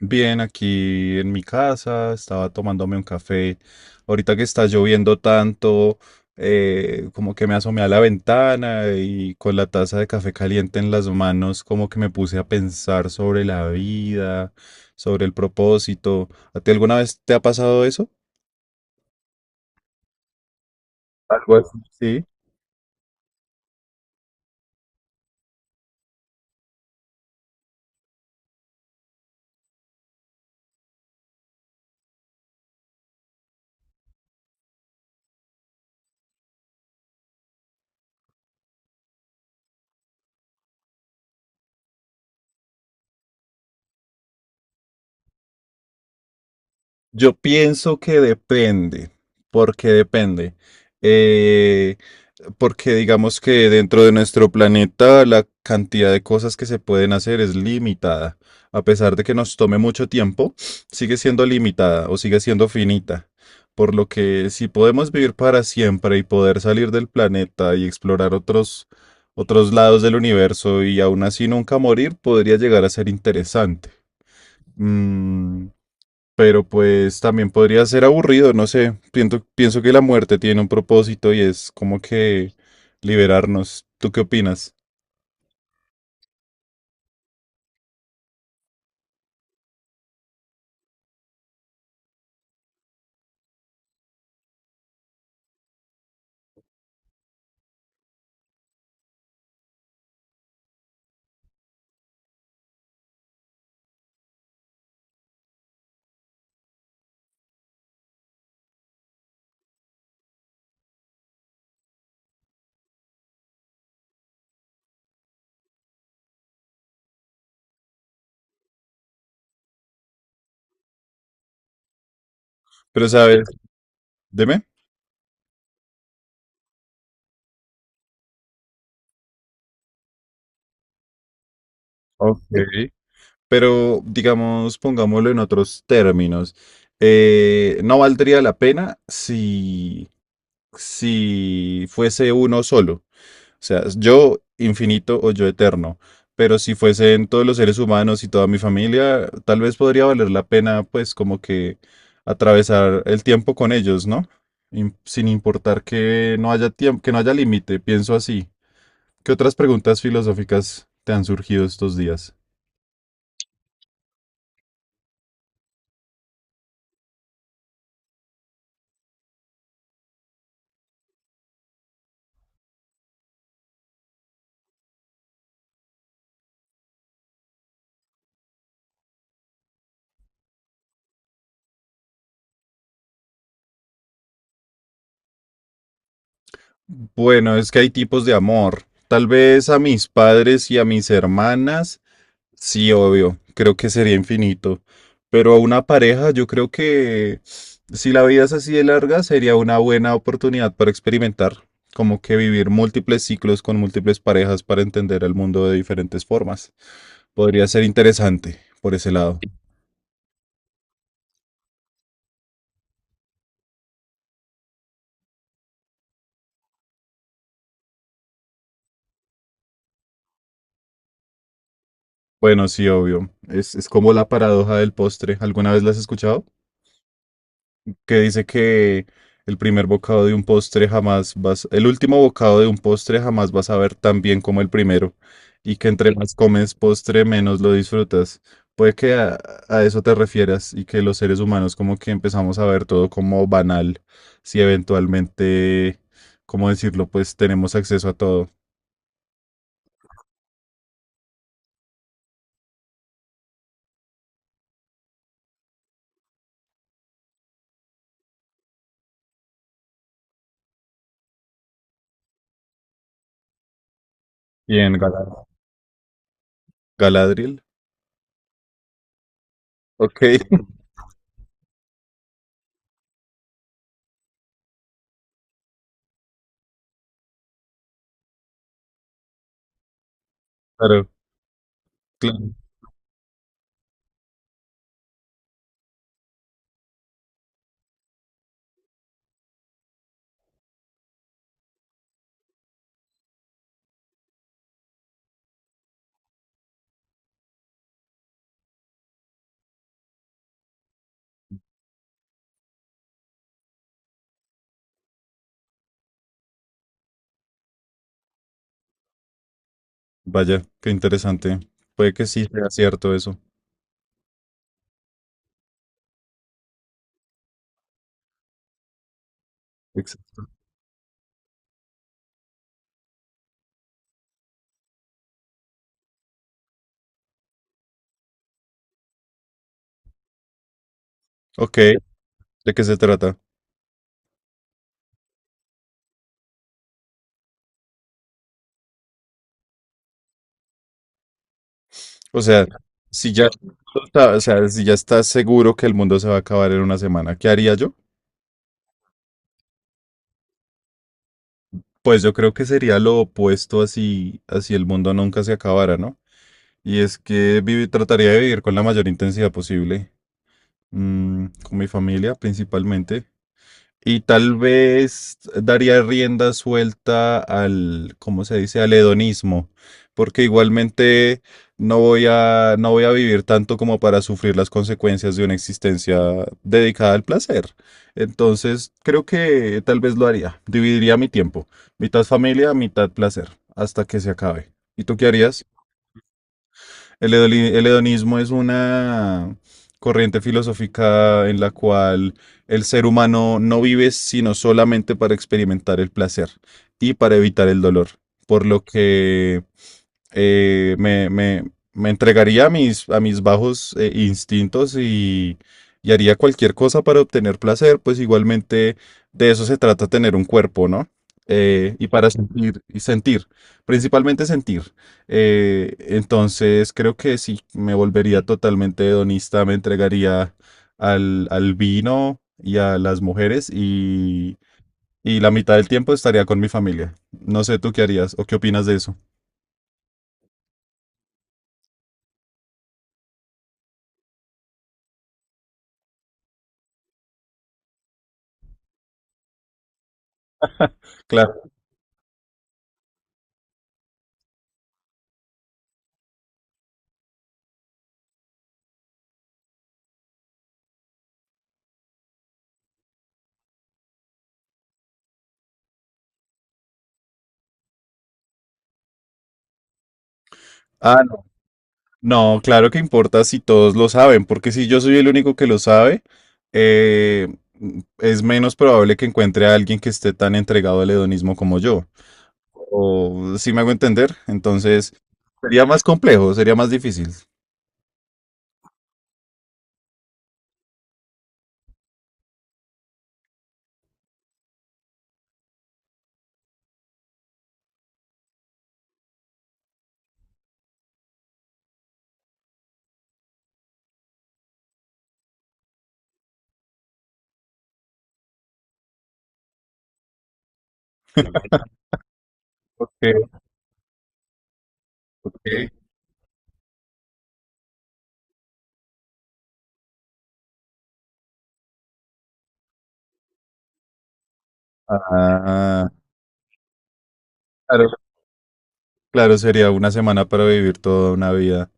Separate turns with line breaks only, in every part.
Bien, aquí en mi casa, estaba tomándome un café. Ahorita que está lloviendo tanto, como que me asomé a la ventana y con la taza de café caliente en las manos, como que me puse a pensar sobre la vida, sobre el propósito. ¿A ti alguna vez te ha pasado eso? Algo así. Sí. Yo pienso que depende, porque depende. Eh, Porque digamos que dentro de nuestro planeta la cantidad de cosas que se pueden hacer es limitada. A pesar de que nos tome mucho tiempo, sigue siendo limitada o sigue siendo finita. Por lo que si podemos vivir para siempre y poder salir del planeta y explorar otros lados del universo y aún así nunca morir, podría llegar a ser interesante. Mm, pero pues también podría ser aburrido, no sé. Pienso que la muerte tiene un propósito y es como que liberarnos. ¿Tú qué opinas? Pero sabes, dime. Ok. Pero digamos, pongámoslo en otros términos. No valdría la pena si fuese uno solo. O sea, yo infinito o yo eterno. Pero si fuesen todos los seres humanos y toda mi familia, tal vez podría valer la pena, pues, como que atravesar el tiempo con ellos, ¿no? Sin importar que no haya tiempo, que no haya límite, pienso así. ¿Qué otras preguntas filosóficas te han surgido estos días? Bueno, es que hay tipos de amor. Tal vez a mis padres y a mis hermanas, sí, obvio, creo que sería infinito. Pero a una pareja, yo creo que si la vida es así de larga, sería una buena oportunidad para experimentar, como que vivir múltiples ciclos con múltiples parejas para entender el mundo de diferentes formas. Podría ser interesante por ese lado. Bueno, sí, obvio. Es como la paradoja del postre. ¿Alguna vez la has escuchado? Que dice que el primer bocado de un postre jamás vas, el último bocado de un postre jamás vas a ver tan bien como el primero, y que entre más comes postre, menos lo disfrutas. Puede que a, a eso te refieras y que los seres humanos como que empezamos a ver todo como banal, si eventualmente, ¿cómo decirlo? Pues tenemos acceso a todo. Bien, Galadriel. Galadriel. Ok, claro, claro. Vaya, qué interesante. Puede que sí sea cierto eso. Exacto. Ok, ¿de qué se trata? O sea, si ya, o sea, si ya estás seguro que el mundo se va a acabar en una semana, ¿qué haría yo? Pues yo creo que sería lo opuesto así, así el mundo nunca se acabara, ¿no? Y es que trataría de vivir con la mayor intensidad posible, mm, con mi familia principalmente. Y tal vez daría rienda suelta al, ¿cómo se dice? Al hedonismo, porque igualmente no voy a vivir tanto como para sufrir las consecuencias de una existencia dedicada al placer. Entonces, creo que tal vez lo haría. Dividiría mi tiempo, mitad familia, mitad placer, hasta que se acabe. ¿Y tú qué harías? El hedonismo es una corriente filosófica en la cual el ser humano no vive sino solamente para experimentar el placer y para evitar el dolor, por lo que eh, me, me- me entregaría a a mis bajos instintos, y haría cualquier cosa para obtener placer, pues igualmente de eso se trata tener un cuerpo, ¿no? Y para sentir, y sentir, principalmente sentir. Entonces creo que sí, me volvería totalmente hedonista, me entregaría al vino y a las mujeres, y la mitad del tiempo estaría con mi familia. No sé tú qué harías o qué opinas de eso. Claro. Ah, no, claro que importa si todos lo saben, porque si yo soy el único que lo sabe, eh, es menos probable que encuentre a alguien que esté tan entregado al hedonismo como yo. O si me hago entender, entonces sería más complejo, sería más difícil. Ok, ok. Ah, claro, claro, sería una semana para vivir toda una vida.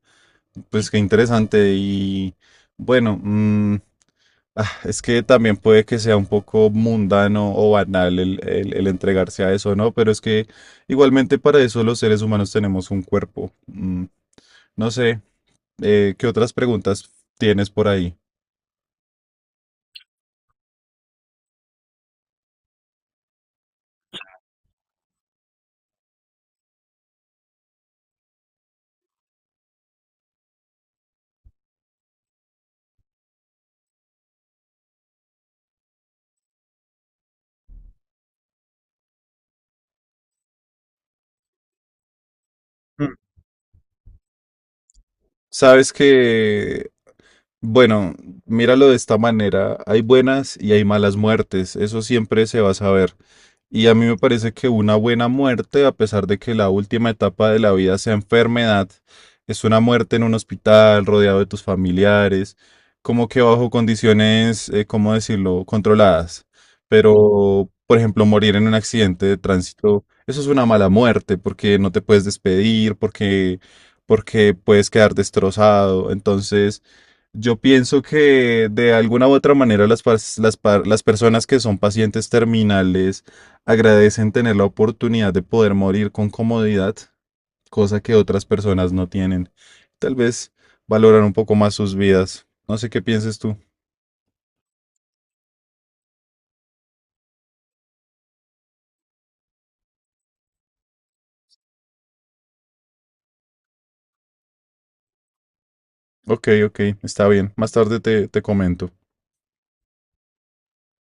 Pues qué interesante y bueno, mm, ah, es que también puede que sea un poco mundano o banal el entregarse a eso, ¿no? Pero es que igualmente para eso los seres humanos tenemos un cuerpo. Mm, no sé, ¿qué otras preguntas tienes por ahí? Mm. Sabes que, bueno, míralo de esta manera, hay buenas y hay malas muertes, eso siempre se va a saber. Y a mí me parece que una buena muerte, a pesar de que la última etapa de la vida sea enfermedad, es una muerte en un hospital, rodeado de tus familiares, como que bajo condiciones, ¿cómo decirlo?, controladas. Pero, por ejemplo, morir en un accidente de tránsito, eso es una mala muerte porque no te puedes despedir, porque puedes quedar destrozado. Entonces, yo pienso que de alguna u otra manera las, pas- las, pa- las personas que son pacientes terminales agradecen tener la oportunidad de poder morir con comodidad, cosa que otras personas no tienen. Tal vez valoran un poco más sus vidas. No sé qué pienses tú. Ok, ok, está bien. Más tarde te comento.